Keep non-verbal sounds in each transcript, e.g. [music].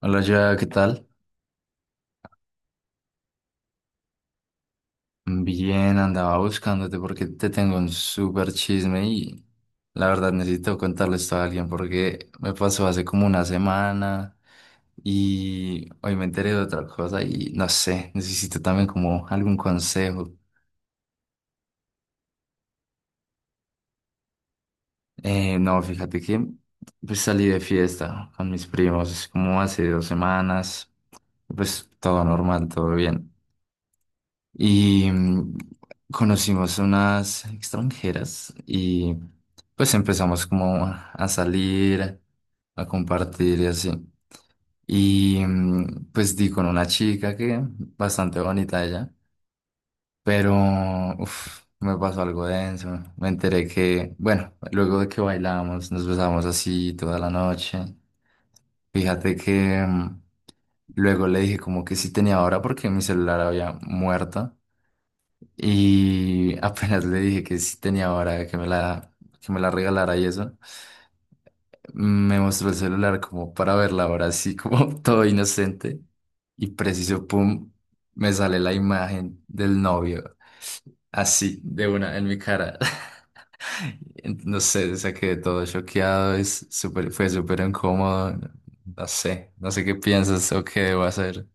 Hola, ya, ¿qué tal? Bien, andaba buscándote porque te tengo un súper chisme y la verdad necesito contarle esto a alguien porque me pasó hace como una semana y hoy me enteré de otra cosa y no sé, necesito también como algún consejo. No, fíjate que pues salí de fiesta con mis primos como hace 2 semanas, pues todo normal, todo bien. Y conocimos unas extranjeras y pues empezamos como a salir, a compartir y así. Y pues di con una chica que bastante bonita ella, pero uf, me pasó algo denso. Me enteré que, bueno, luego de que bailamos, nos besamos así toda la noche. Fíjate que luego le dije como que sí tenía hora porque mi celular había muerto. Y [laughs] apenas le dije que sí tenía hora, que me la regalara y eso, me mostró el celular como para ver la hora, así como [laughs] todo inocente. Y preciso, pum, me sale la imagen del novio, así, de una, en mi cara. [laughs] No sé, o sea, quedé todo choqueado, fue súper incómodo. No sé, no sé qué piensas o qué debo hacer.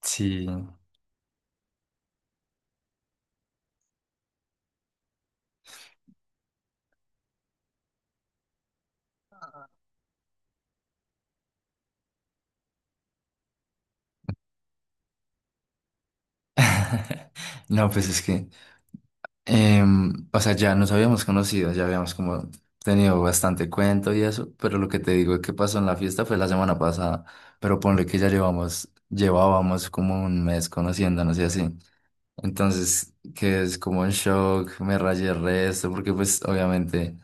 Sí. [laughs] No, pues es que o sea, ya nos habíamos conocido, ya habíamos como tenido bastante cuento y eso, pero lo que te digo que pasó en la fiesta fue la semana pasada, pero ponle que ya llevábamos como un mes conociéndonos y así. Entonces, que es como un shock, me rayé el resto, porque pues obviamente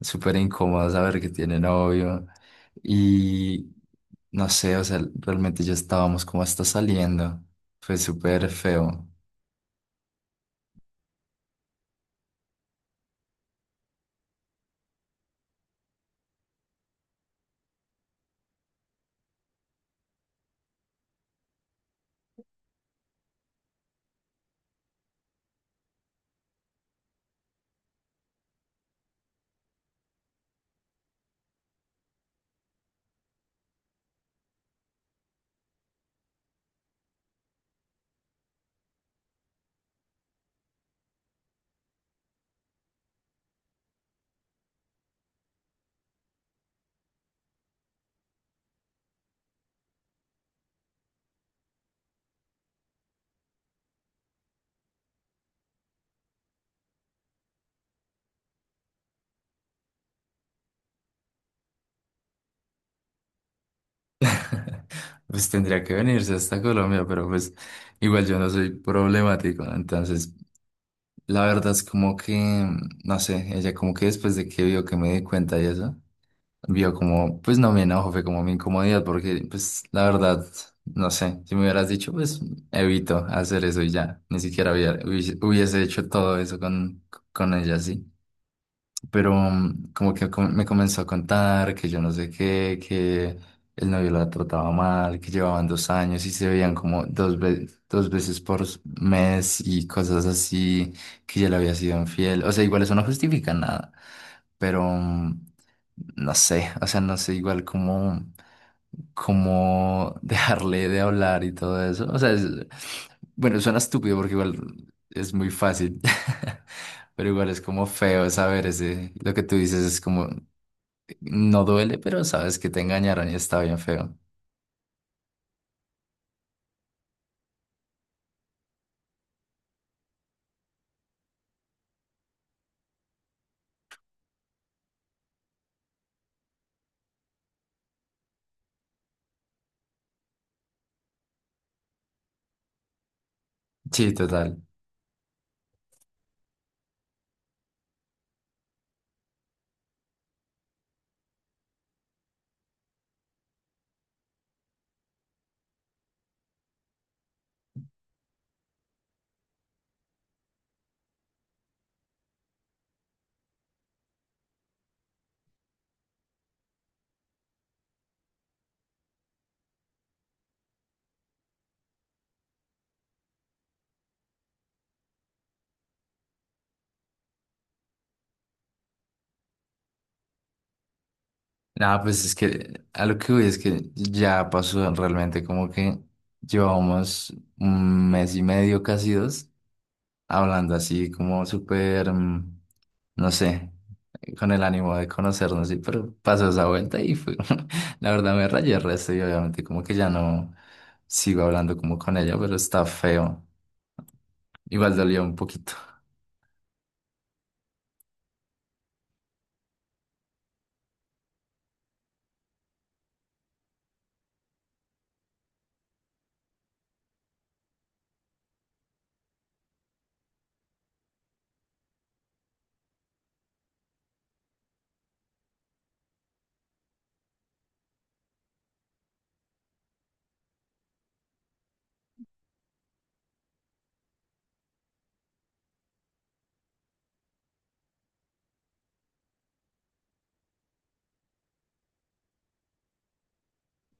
súper incómodo saber que tiene novio y no sé, o sea, realmente ya estábamos como hasta saliendo, fue súper feo. [laughs] Pues tendría que venirse hasta Colombia, pero pues igual yo no soy problemático, ¿no? Entonces la verdad es como que, no sé, ella como que después de que vio que me di cuenta y eso, vio como, pues no me enojo, fue como mi incomodidad, porque pues la verdad, no sé, si me hubieras dicho, pues evito hacer eso y ya, ni siquiera hubiese hecho todo eso con ella, sí, pero como que me comenzó a contar que yo no sé qué, que el novio la trataba mal, que llevaban 2 años y se veían como 2 veces por mes y cosas así, que ya le había sido infiel. O sea, igual eso no justifica nada, pero no sé, o sea, no sé igual cómo, cómo [laughs] dejarle de hablar y todo eso. O sea, bueno, suena estúpido porque igual es muy fácil. [laughs] Pero igual es como feo saber ese, lo que tú dices es como, no duele, pero sabes que te engañaron y está bien feo. Sí, total. Nada, pues es que a lo que voy es que ya pasó realmente como que llevamos un mes y medio, casi dos, hablando así como súper, no sé, con el ánimo de conocernos, sí, pero pasó esa vuelta y fue, [laughs] la verdad me rayé el resto y obviamente como que ya no sigo hablando como con ella, pero está feo. Igual dolió un poquito.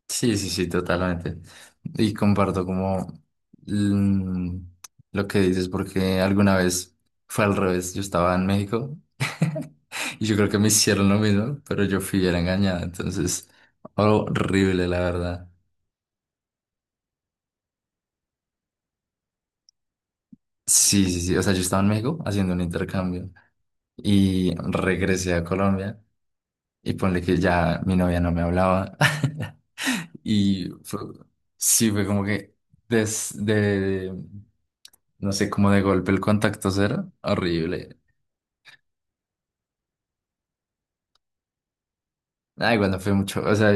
Sí, sí, sí, totalmente. Y comparto como mm, lo que dices, porque alguna vez fue al revés, yo estaba en México [laughs] y yo creo que me hicieron lo mismo, pero yo fui era engañada, entonces horrible, la verdad. Sí, sí, sí, o sea, yo estaba en México haciendo un intercambio. Y regresé a Colombia y ponle que ya mi novia no me hablaba [laughs] y fue- sí fue como que desde, no sé, como de golpe el contacto cero, horrible. Ah, igual no fue mucho, o sea,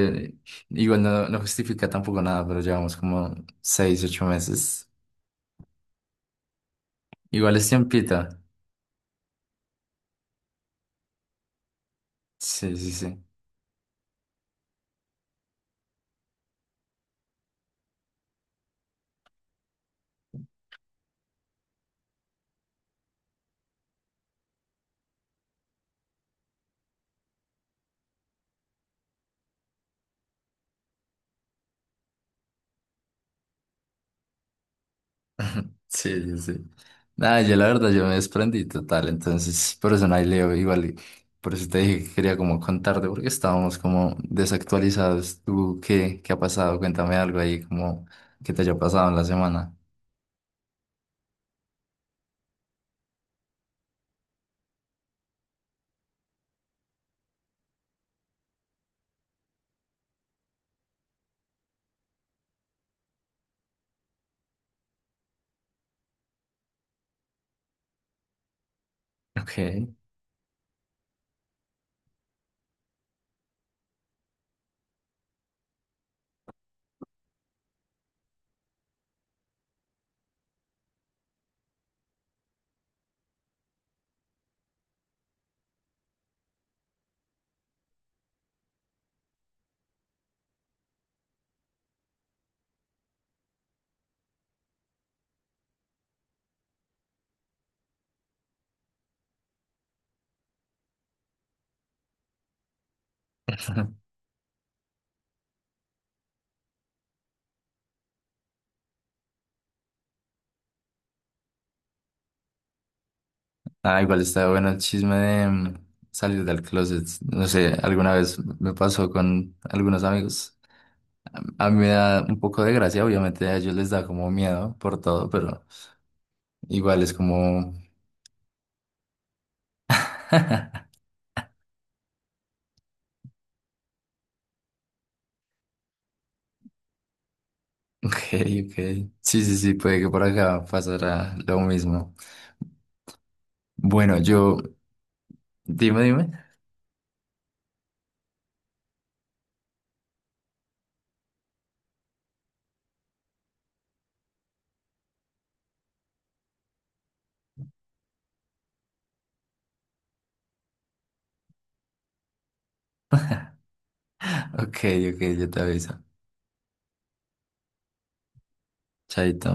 igual no, no justifica tampoco nada, pero llevamos como 6, 8 meses. Igual es tiempito. Sí, sí, sí. Sí, sí, sí. Nada, yo la verdad, yo me desprendí total, entonces por eso no hay Leo igual, y por eso te dije que quería como contarte, porque estábamos como desactualizados. ¿Tú qué, qué ha pasado? Cuéntame algo ahí, como que te haya pasado en la semana. Ok. Ah, igual está bueno el chisme de salir del closet. No sé, alguna vez me pasó con algunos amigos. A mí me da un poco de gracia, obviamente a ellos les da como miedo por todo, pero igual es como... [laughs] Ok, ok. Sí, sí, sí, puede que por acá pasará lo mismo. Bueno, yo, dime, dime. Ok, ok, yo te aviso. Chaito.